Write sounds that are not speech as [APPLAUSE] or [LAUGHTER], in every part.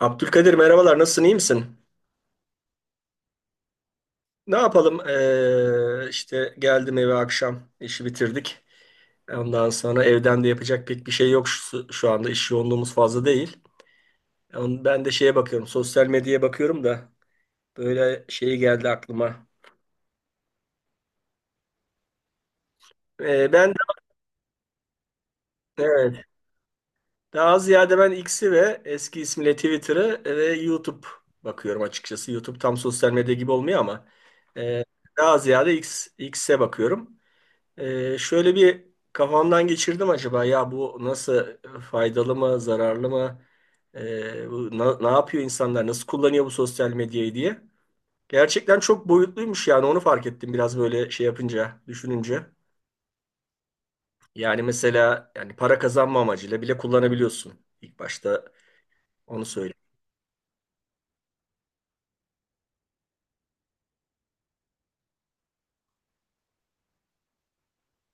Abdülkadir merhabalar, nasılsın, iyi misin? Ne yapalım, işte geldim eve, akşam işi bitirdik. Ondan sonra evden de yapacak pek bir şey yok, şu anda iş yoğunluğumuz fazla değil. Yani ben de şeye bakıyorum, sosyal medyaya bakıyorum da böyle şey geldi aklıma. Ben de evet, daha ziyade ben X'i ve eski ismiyle Twitter'ı ve YouTube bakıyorum açıkçası. YouTube tam sosyal medya gibi olmuyor ama ee, daha ziyade X, X'e bakıyorum. Şöyle bir kafamdan geçirdim: acaba ya bu nasıl, faydalı mı zararlı mı, ne yapıyor insanlar, nasıl kullanıyor bu sosyal medyayı diye. Gerçekten çok boyutluymuş, yani onu fark ettim biraz böyle şey yapınca, düşününce. Yani mesela, para kazanma amacıyla bile kullanabiliyorsun, ilk başta onu söyleyeyim.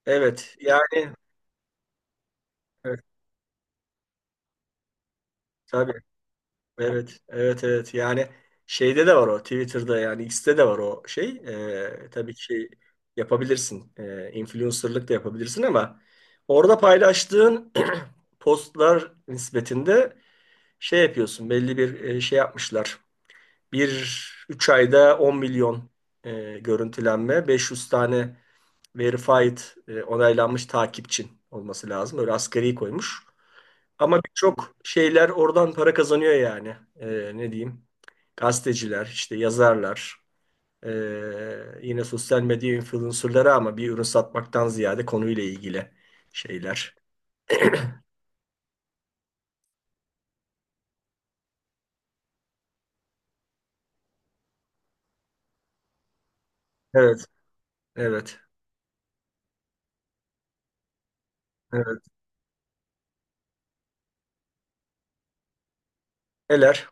Evet, yani evet, tabii. Evet, evet, evet. Yani şeyde de var o, Twitter'da yani X'te de var o şey. Tabii ki şey yapabilirsin, influencer'lık da yapabilirsin ama orada paylaştığın [CLEARS THROAT] postlar nispetinde şey yapıyorsun, belli bir şey yapmışlar. Bir 3 ayda 10 milyon görüntülenme, 500 tane verified onaylanmış takipçin olması lazım. Öyle asgari koymuş. Ama birçok şeyler oradan para kazanıyor yani. Ne diyeyim? Gazeteciler, işte yazarlar, yine sosyal medya influencerları ama bir ürün satmaktan ziyade konuyla ilgili şeyler. Evet, evet, evet. Neler?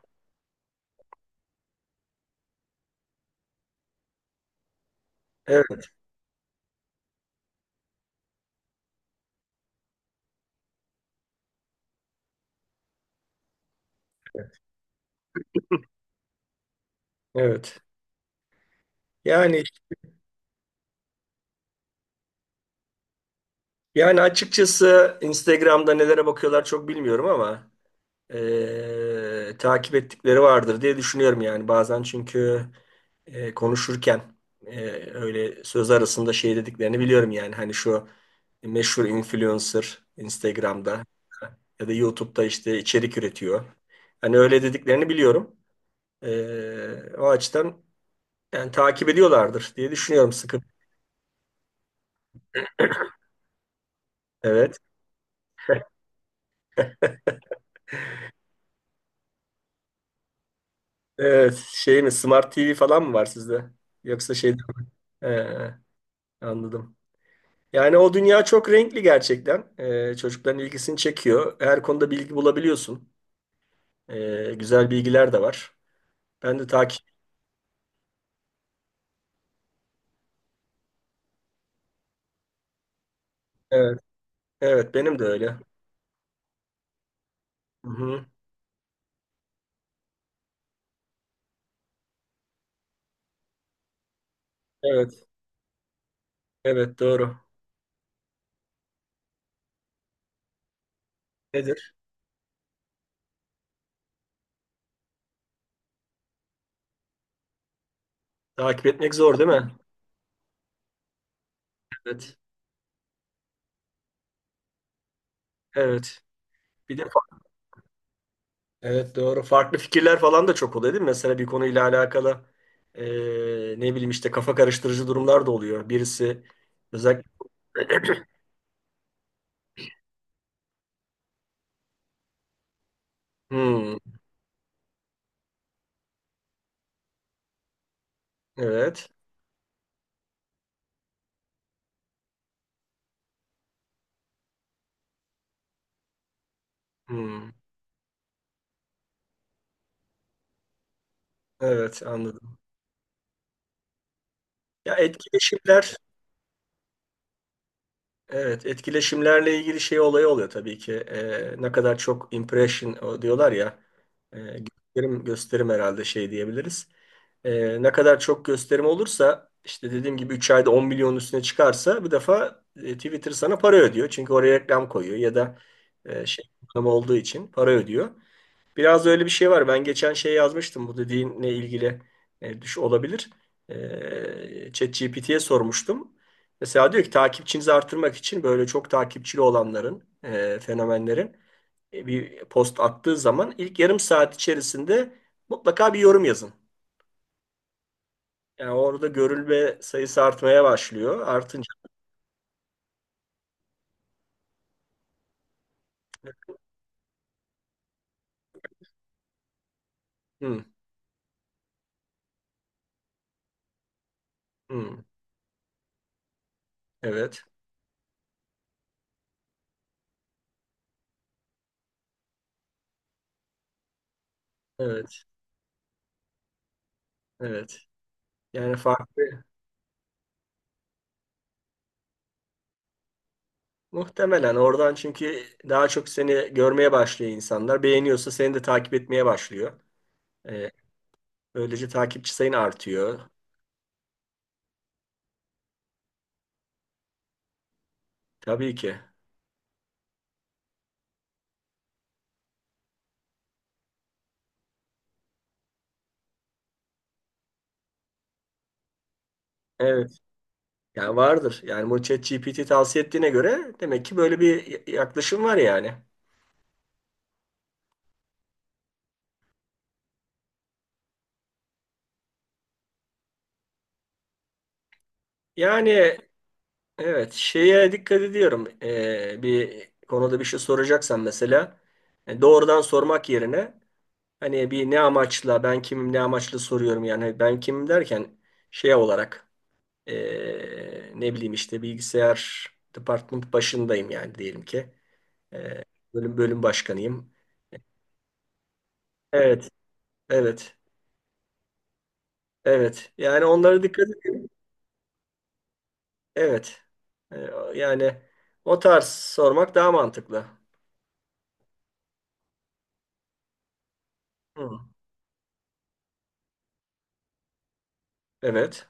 Evet, evet. Yani yani açıkçası Instagram'da nelere bakıyorlar çok bilmiyorum ama takip ettikleri vardır diye düşünüyorum, yani bazen çünkü konuşurken öyle söz arasında şey dediklerini biliyorum, yani hani şu meşhur influencer Instagram'da ya da YouTube'da işte içerik üretiyor. Hani öyle dediklerini biliyorum. O açıdan yani takip ediyorlardır diye düşünüyorum sıkı. Evet. Evet. Şey mi, Smart TV falan mı var sizde? Yoksa şey Ee, Anladım. Yani o dünya çok renkli gerçekten. Çocukların ilgisini çekiyor. Her konuda bilgi bulabiliyorsun. Güzel bilgiler de var. Ben de takip... Evet, evet, benim de öyle. Hı-hı. Evet, evet, doğru. Nedir? Takip etmek zor değil mi? Evet, evet. Bir de fa- evet, doğru. Farklı fikirler falan da çok oluyor değil mi? Mesela bir konuyla alakalı ee, ne bileyim işte kafa karıştırıcı durumlar da oluyor. Birisi özellikle... [CLEARS THROAT] Hmm, evet. Hmm, evet, anladım. Ya, etkileşimler. Evet, etkileşimlerle ilgili şey olayı oluyor tabii ki. Ne kadar çok impression o diyorlar ya, gösterim, herhalde şey diyebiliriz. Ne kadar çok gösterim olursa, işte dediğim gibi 3 ayda 10 milyonun üstüne çıkarsa bir defa Twitter sana para ödüyor. Çünkü oraya reklam koyuyor ya da şey reklam olduğu için para ödüyor. Biraz da öyle bir şey var. Ben geçen şey yazmıştım, bu dediğinle ilgili düş olabilir. ChatGPT'ye sormuştum. Mesela diyor ki takipçinizi artırmak için böyle çok takipçili olanların, fenomenlerin bir post attığı zaman ilk yarım saat içerisinde mutlaka bir yorum yazın. Yani orada görülme sayısı artmaya başlıyor, artınca. Hı, hı, evet, evet, evet. Yani farklı. Muhtemelen oradan, çünkü daha çok seni görmeye başlıyor insanlar. Beğeniyorsa seni de takip etmeye başlıyor. Ee, Böylece takipçi sayın artıyor. Tabii ki. Evet. Yani vardır. Yani bu ChatGPT tavsiye ettiğine göre demek ki böyle bir yaklaşım var yani. Yani evet, şeye dikkat ediyorum. Bir konuda bir şey soracaksan mesela doğrudan sormak yerine, hani bir ne amaçla, ben kimim, ne amaçla soruyorum yani, ben kimim derken şey olarak, ne bileyim işte bilgisayar department başındayım, yani diyelim ki. Ee, bölüm başkanıyım. Evet, evet, evet. Yani onlara dikkat edin. Evet. Ee, Yani o tarz sormak daha mantıklı. Hı, evet.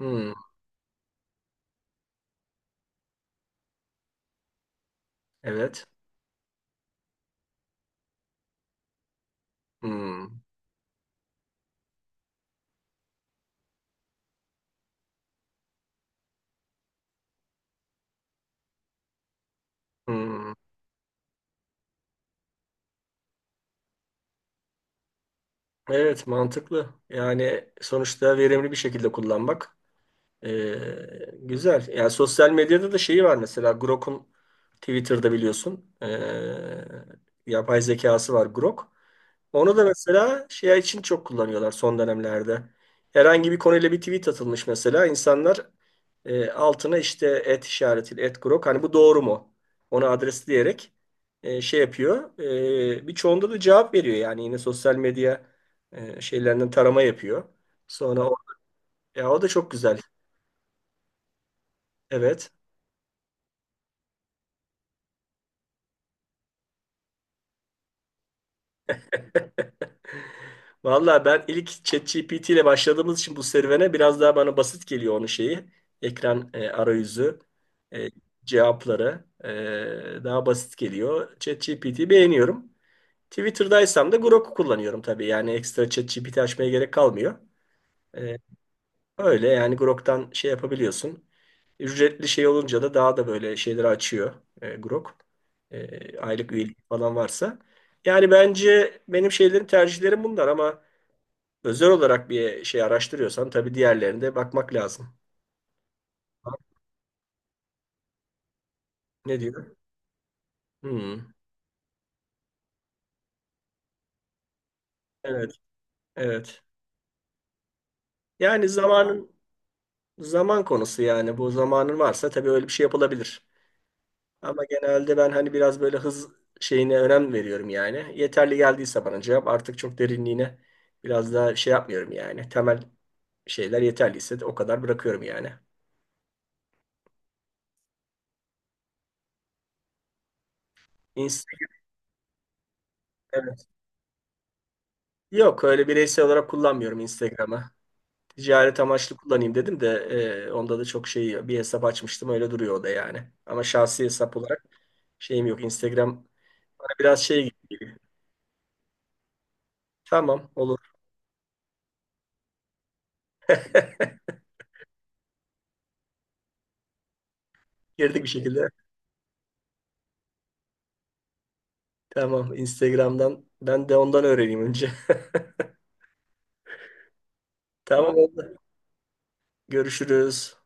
Hı, evet. Hı, hı. Evet, mantıklı. Yani sonuçta verimli bir şekilde kullanmak. Güzel. Yani sosyal medyada da şeyi var mesela Grok'un, Twitter'da biliyorsun. Yapay zekası var Grok. Onu da mesela şey için çok kullanıyorlar son dönemlerde. Herhangi bir konuyla bir tweet atılmış mesela, insanlar altına işte et işaretiyle, et Grok hani bu doğru mu? Onu adresleyerek şey yapıyor. Birçoğunda da cevap veriyor, yani yine sosyal medya şeylerinden tarama yapıyor. Sonra o, ya o da çok güzel. Evet. [LAUGHS] Vallahi, ben ilk ChatGPT ile başladığımız için bu serüvene biraz daha bana basit geliyor onun şeyi. Ekran arayüzü, e, cevapları daha basit geliyor. ChatGPT'yi beğeniyorum. Twitter'daysam da Grok'u kullanıyorum tabii. Yani ekstra ChatGPT açmaya gerek kalmıyor. E, Öyle yani, Grok'tan şey yapabiliyorsun. Ücretli şey olunca da daha da böyle şeyleri açıyor Grok. Aylık üyelik falan varsa. Yani bence benim şeylerim, tercihlerim bunlar ama özel olarak bir şey araştırıyorsan tabii diğerlerine de bakmak lazım. Ne diyor? Hmm, evet, evet. Yani zaman konusu yani, bu zamanın varsa tabii öyle bir şey yapılabilir. Ama genelde ben hani biraz böyle hız şeyine önem veriyorum yani. Yeterli geldiyse bana cevap artık çok derinliğine biraz daha şey yapmıyorum yani. Temel şeyler yeterliyse de o kadar bırakıyorum yani. Instagram, evet. Yok, öyle bireysel olarak kullanmıyorum Instagram'ı. Ticaret amaçlı kullanayım dedim de onda da çok şey bir hesap açmıştım, öyle duruyor o da yani. Ama şahsi hesap olarak şeyim yok. Instagram bana biraz şey gibi geliyor. Tamam, olur. [LAUGHS] Girdik bir şekilde. Tamam, Instagram'dan. Ben de ondan öğreneyim önce. [LAUGHS] Tamam, oldu. Görüşürüz.